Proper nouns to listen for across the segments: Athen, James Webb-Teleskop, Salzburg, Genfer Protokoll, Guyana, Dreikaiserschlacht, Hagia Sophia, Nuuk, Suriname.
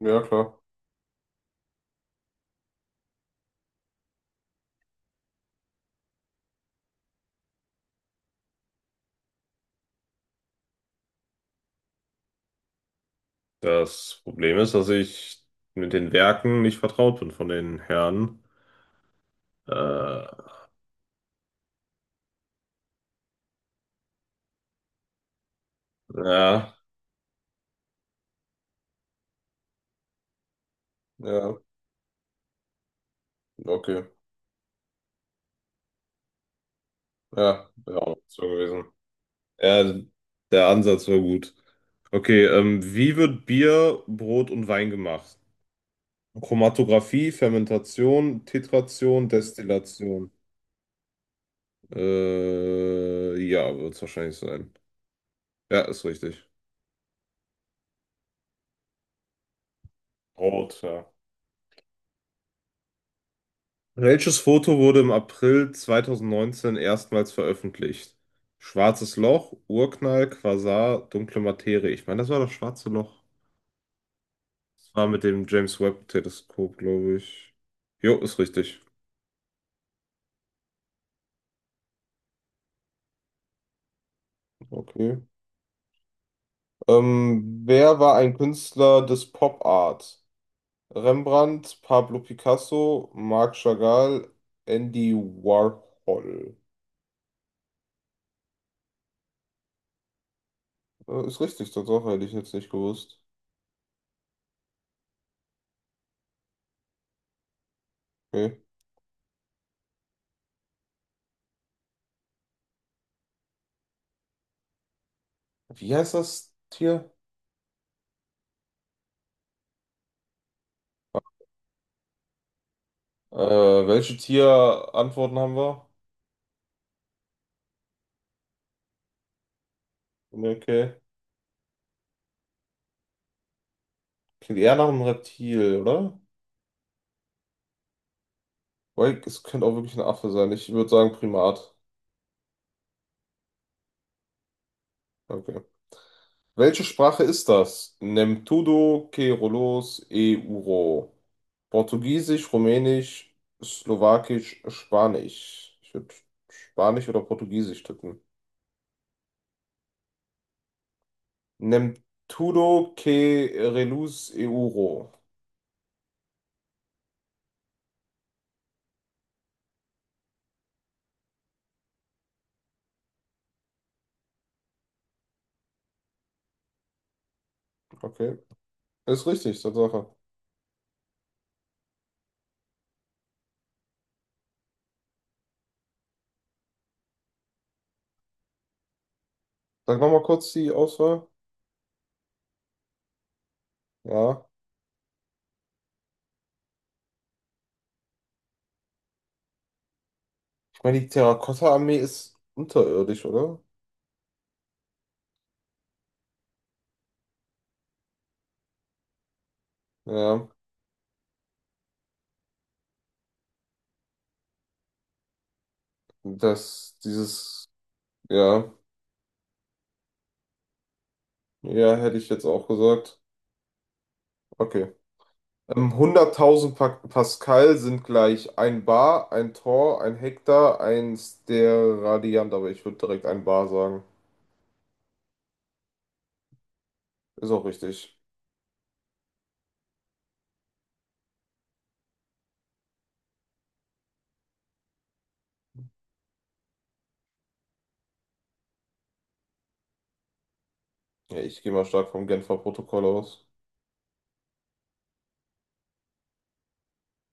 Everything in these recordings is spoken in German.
Ja, klar. Das Problem ist, dass ich mit den Werken nicht vertraut bin von den Herren. Äh, ja, Ja, okay. Ja, wäre auch noch so gewesen. Ja, der Ansatz war gut. Okay, wie wird Bier, Brot und Wein gemacht? Chromatographie, Fermentation, Titration, Destillation. Ja, wird es wahrscheinlich sein. Ja, ist richtig. Brot, ja. Welches Foto wurde im April 2019 erstmals veröffentlicht? Schwarzes Loch, Urknall, Quasar, dunkle Materie. Ich meine, das war das schwarze Loch. Das war mit dem James Webb-Teleskop, glaube ich. Jo, ist richtig. Okay. Wer war ein Künstler des Pop Art? Rembrandt, Pablo Picasso, Marc Chagall, Andy Warhol. Ist richtig, Tatsache, hätte ich jetzt nicht gewusst. Okay. Wie heißt das Tier? Welche Tierantworten haben wir? Nee, okay. Klingt eher nach einem Reptil, oder? Weil es könnte auch wirklich ein Affe sein. Ich würde sagen Primat. Okay. Welche Sprache ist das? Nem tudo que rolos e uro. Portugiesisch, Rumänisch, Slowakisch, Spanisch. Ich würde Spanisch oder Portugiesisch tippen. Nem tudo que reluz e uro. Okay. Ist richtig, Tatsache. Sag nochmal kurz die Auswahl. Ja. Ich meine, die Terrakotta-Armee ist unterirdisch, oder? Ja, das, dieses, ja, ja, hätte ich jetzt auch gesagt. Okay. 100.000 pa Pascal sind gleich ein Bar, ein Tor, ein Hektar, ein Steradiant, aber ich würde direkt ein Bar sagen. Ist auch richtig. Ja, ich gehe mal stark vom Genfer Protokoll aus.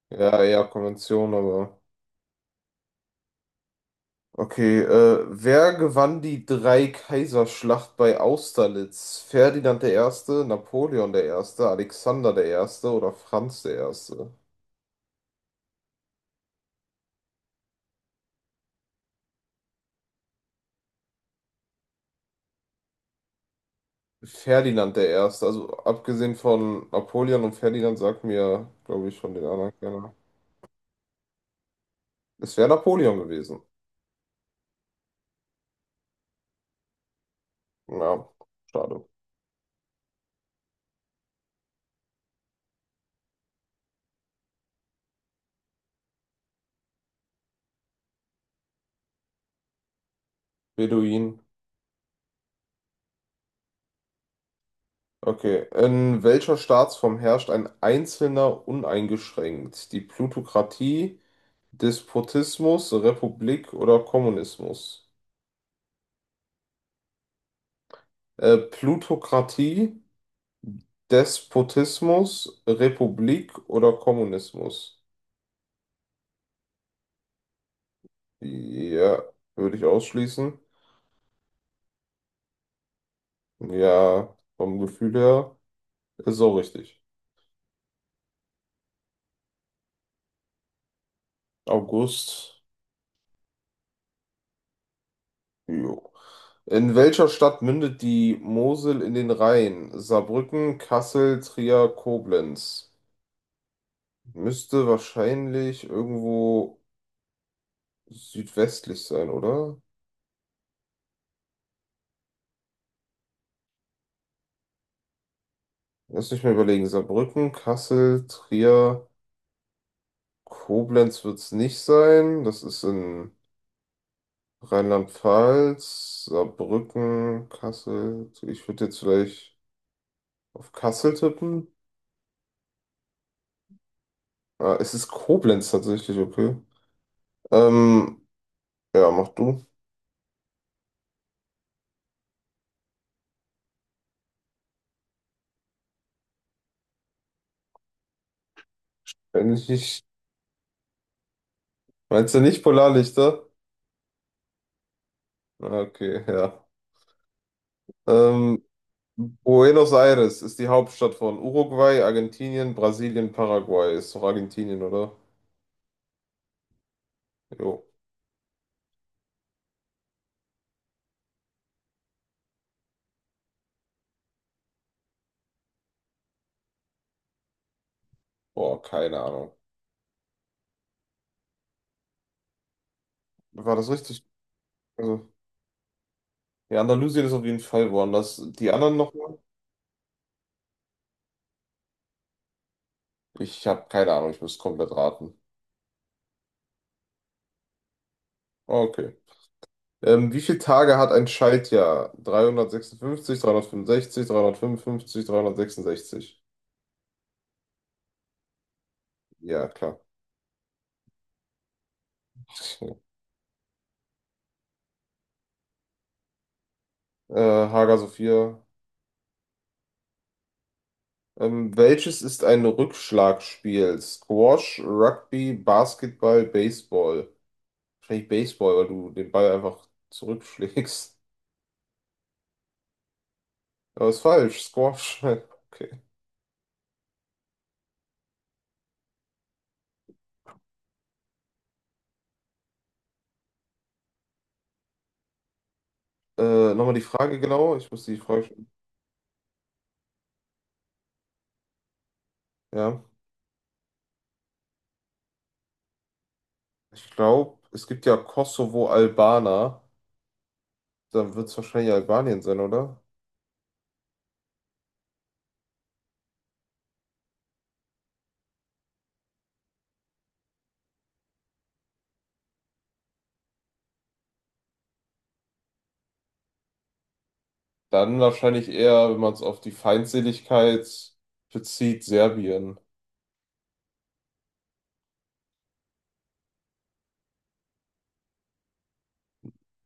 Ja, eher Konvention, aber. Okay, wer gewann die Dreikaiserschlacht bei Austerlitz? Ferdinand der Erste, Napoleon der Erste, Alexander der Erste oder Franz der Erste? Ferdinand der Erste, also abgesehen von Napoleon und Ferdinand sagt mir, glaube ich, von den anderen keiner. Es wäre Napoleon gewesen. Ja, schade. Beduin. Okay. In welcher Staatsform herrscht ein Einzelner uneingeschränkt? Die Plutokratie, Despotismus, Republik oder Kommunismus? Plutokratie, Despotismus, Republik oder Kommunismus? Ja, würde ich ausschließen. Ja, vom Gefühl her ist auch richtig. August. Jo. In welcher Stadt mündet die Mosel in den Rhein? Saarbrücken, Kassel, Trier, Koblenz. Müsste wahrscheinlich irgendwo südwestlich sein, oder? Lass mich mal überlegen. Saarbrücken, Kassel, Trier. Koblenz wird es nicht sein. Das ist in Rheinland-Pfalz, Saarbrücken, Kassel. So, ich würde jetzt vielleicht auf Kassel tippen. Ah, es ist Koblenz tatsächlich, okay. Ähm, ja, mach du. Wenn ich nicht. Meinst du nicht Polarlichter? Ah, okay, ja. Ähm, Buenos Aires ist die Hauptstadt von Uruguay, Argentinien, Brasilien, Paraguay. Ist doch Argentinien, oder? Jo. Boah, keine Ahnung. War das richtig? Also. Ja, Andalusien ist auf jeden Fall woanders. Die anderen nochmal? Ich habe keine Ahnung, ich muss komplett raten. Okay. Wie viele Tage hat ein Schaltjahr? 356, 365, 355, 366. Ja, klar. Äh, Hager Sophia. Welches ist ein Rückschlagspiel? Squash, Rugby, Basketball, Baseball. Wahrscheinlich Baseball, weil du den Ball einfach zurückschlägst. Aber ist falsch. Squash. Okay. Nochmal die Frage genau. Ich muss die Frage. Ja, ich glaube, es gibt ja Kosovo-Albaner. Dann wird es wahrscheinlich Albanien sein, oder? Dann wahrscheinlich eher, wenn man es auf die Feindseligkeit bezieht, Serbien.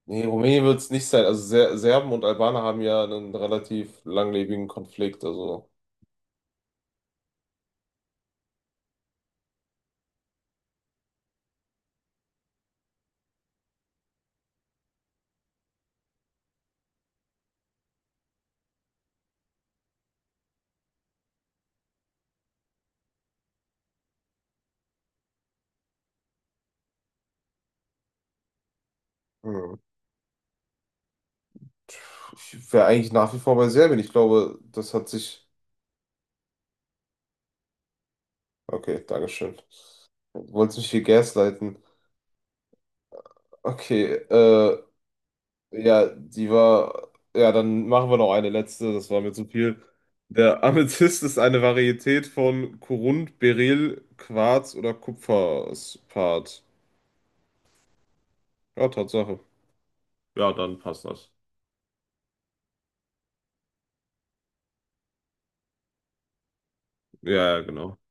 Nee, Rumänien wird es nicht sein. Also Serben und Albaner haben ja einen relativ langlebigen Konflikt. Also hm. Ich wäre eigentlich nach wie vor bei Serbien. Ich glaube, das hat sich. Okay, Dankeschön. Wolltest mich hier gaslighten. Okay, ja, die war. Ja, dann machen wir noch eine letzte, das war mir zu viel. Der Amethyst ist eine Varietät von Korund, Beryl, Quarz oder Kupferspat. Ja, Tatsache. Ja, dann passt das. Ja, ja, genau.